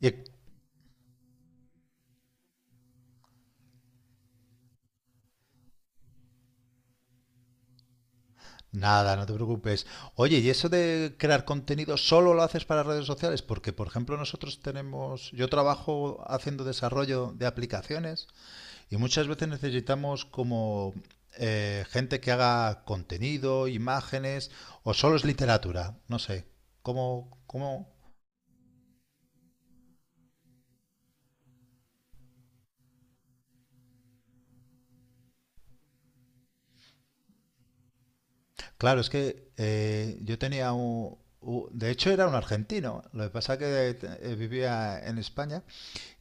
Y- Nada, no te preocupes. Oye, ¿y eso de crear contenido solo lo haces para redes sociales? Porque, por ejemplo, nosotros tenemos, yo trabajo haciendo desarrollo de aplicaciones y muchas veces necesitamos como gente que haga contenido, imágenes, o solo es literatura, no sé. ¿Cómo? Claro, es que yo tenía de hecho era un argentino, lo que pasa que vivía en España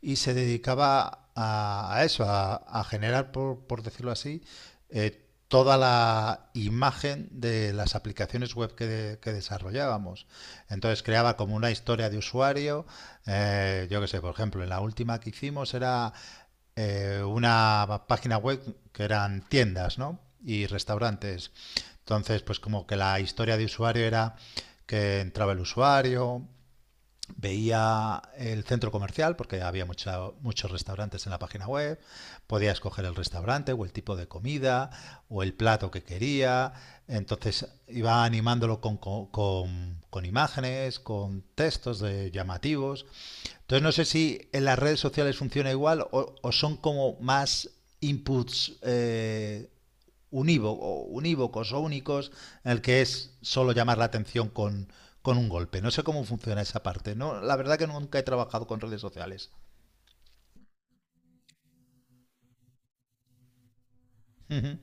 y se dedicaba a eso, a generar, por decirlo así, eh, toda la imagen de las aplicaciones web que desarrollábamos. Entonces creaba como una historia de usuario, yo qué sé, por ejemplo, en la última que hicimos era una página web que eran tiendas, ¿no? Y restaurantes. Entonces, pues como que la historia de usuario era que entraba el usuario, veía el centro comercial porque había muchos restaurantes en la página web, podía escoger el restaurante o el tipo de comida o el plato que quería, entonces iba animándolo con, imágenes, con textos de llamativos. Entonces no sé si en las redes sociales funciona igual o son como más inputs unívocos o únicos en el que es solo llamar la atención con un golpe. No sé cómo funciona esa parte. No, la verdad que nunca he trabajado con redes sociales. Ujú.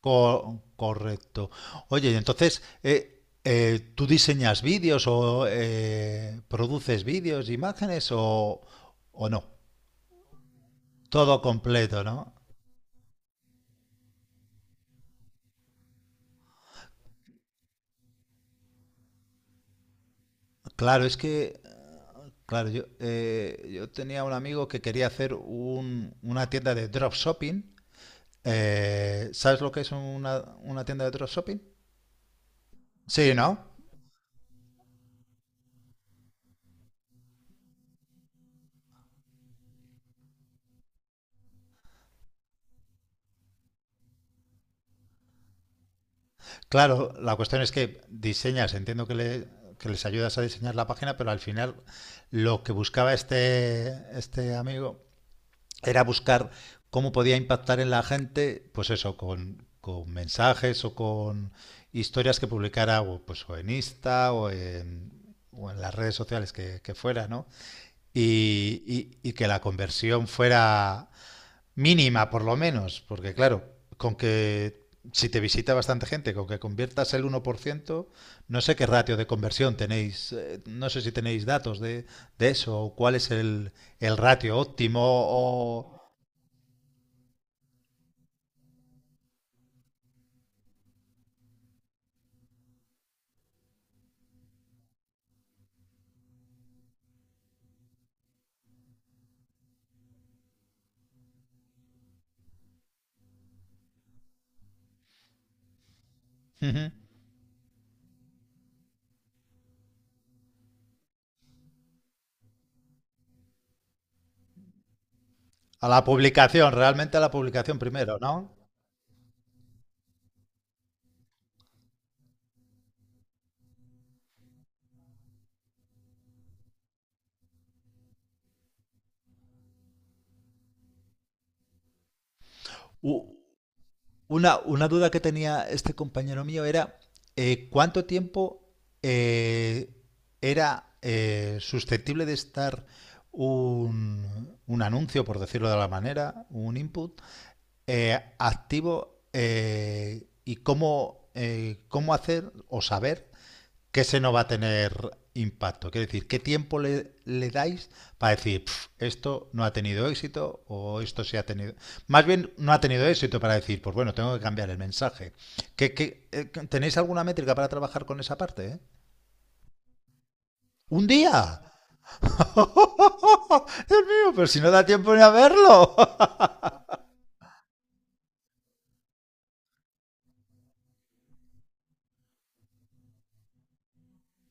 Correcto. Oye, y entonces, ¿tú diseñas vídeos o produces vídeos, imágenes o no? Todo completo, ¿no? Claro, es que, claro, yo, yo tenía un amigo que quería hacer una tienda de dropshipping. ¿Sabes lo que es una tienda de dropshipping? Sí, ¿no? Claro, la cuestión es que diseñas, entiendo que, que les ayudas a diseñar la página, pero al final lo que buscaba este, este amigo era buscar cómo podía impactar en la gente, pues eso, con mensajes o con historias que publicara o, pues, o en Insta o en las redes sociales que fuera, ¿no? Y que la conversión fuera mínima, por lo menos, porque claro, con que si te visita bastante gente, con que conviertas el uno por ciento, no sé qué ratio de conversión tenéis, no sé si tenéis datos de eso, o cuál es el ratio óptimo, o ujú. A la publicación, realmente a la publicación primero, ¿no? U- una duda que tenía este compañero mío era cuánto tiempo eh, era susceptible de estar un anuncio, por decirlo de la manera, un input activo, y cómo, cómo hacer o saber que ese no va a tener impacto. Quiero decir, ¿qué tiempo le dais para decir esto no ha tenido éxito o esto sí ha tenido? Más bien, no ha tenido éxito para decir, pues bueno, tengo que cambiar el mensaje. Tenéis alguna métrica para trabajar con esa parte? ¿Eh? ¿Un día? Dios mío, pero si no da tiempo ni a verlo.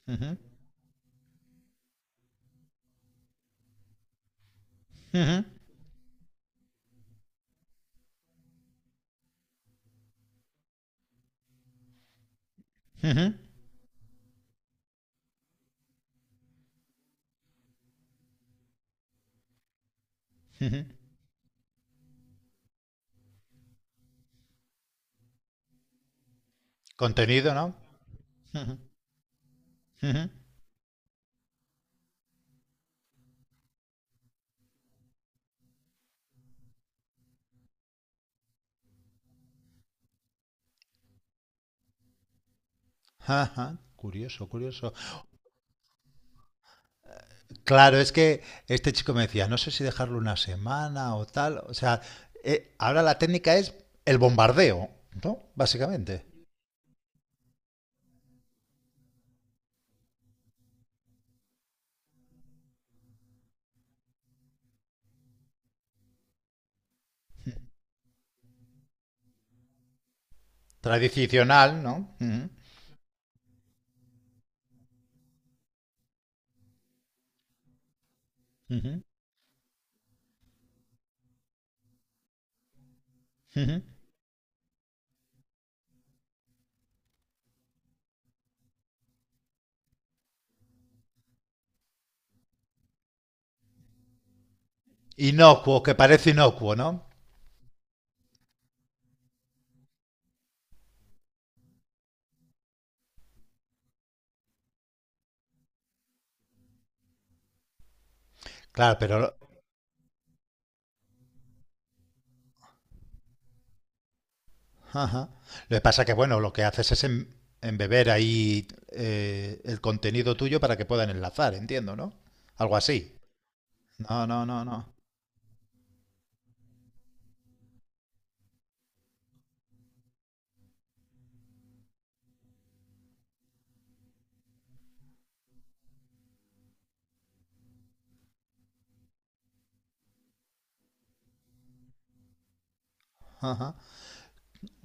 Ujú, ujú, ujú, ujú. Contenido, ¿no? Ujú. Ajá, curioso, curioso. Claro, es que este chico me decía, no sé si dejarlo una semana o tal. O sea, ahora la técnica es el bombardeo, ¿no? Básicamente. Tradicional, ¿no? Ujú, ujú, ujú. Inocuo, que parece inocuo, ¿no? Claro, pero... ajá. Lo que pasa que, bueno, lo que haces es embeber ahí el contenido tuyo para que puedan enlazar, entiendo, ¿no? Algo así. No, no, no, no. Ajá.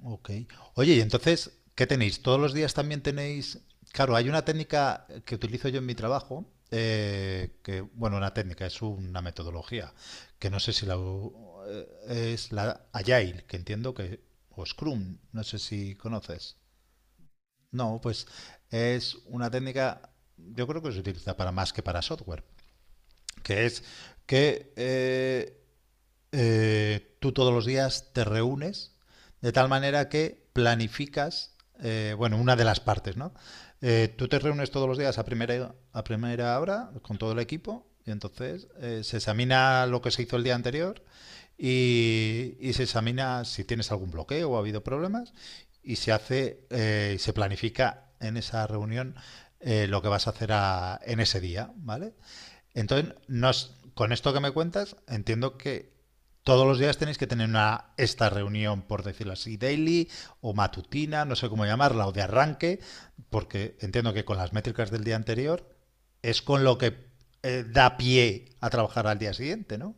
Ok. Oye, y entonces, ¿qué tenéis? ¿Todos los días también tenéis... Claro, hay una técnica que utilizo yo en mi trabajo, que, bueno, una técnica, es una metodología, que no sé si la... es la Agile, que entiendo que... O Scrum, no sé si conoces. No, pues es una técnica, yo creo que se utiliza para más que para software, que es que tú todos los días te reúnes de tal manera que planificas, bueno, una de las partes, ¿no? Tú te reúnes todos los días a a primera hora con todo el equipo y entonces se examina lo que se hizo el día anterior y se examina si tienes algún bloqueo o ha habido problemas y se hace, se planifica en esa reunión lo que vas a hacer en ese día, ¿vale? Entonces, nos, con esto que me cuentas, entiendo que todos los días tenéis que tener una esta reunión, por decirlo así, daily o matutina, no sé cómo llamarla, o de arranque, porque entiendo que con las métricas del día anterior es con lo que da pie a trabajar al día siguiente, ¿no?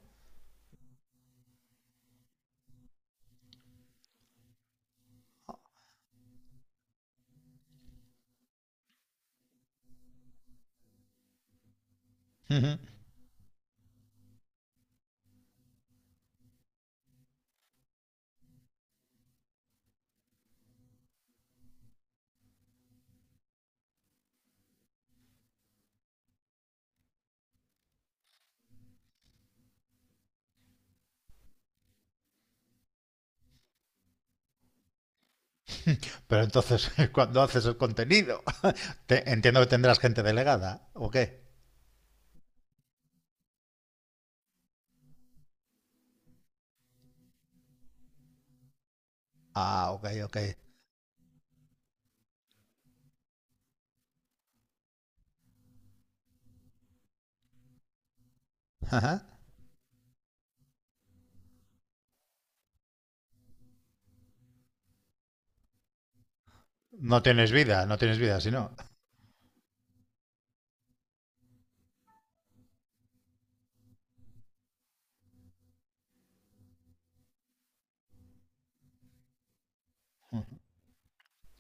Pero entonces, cuando haces el contenido, te, entiendo que tendrás gente delegada, ¿o qué? Ah, ok, ok. Ajá. No tienes vida, no tienes vida, si no.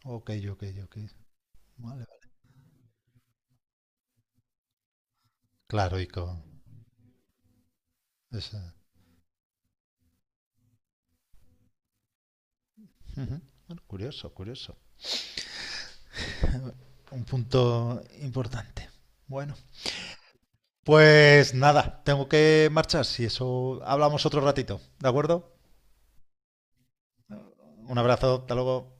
Ok, ok, ok. Vale, claro, y con esa- ujú. Bueno, curioso, curioso. Un punto importante. Bueno, pues nada, tengo que marchar. Si eso hablamos otro ratito, ¿de acuerdo? Un abrazo, hasta luego.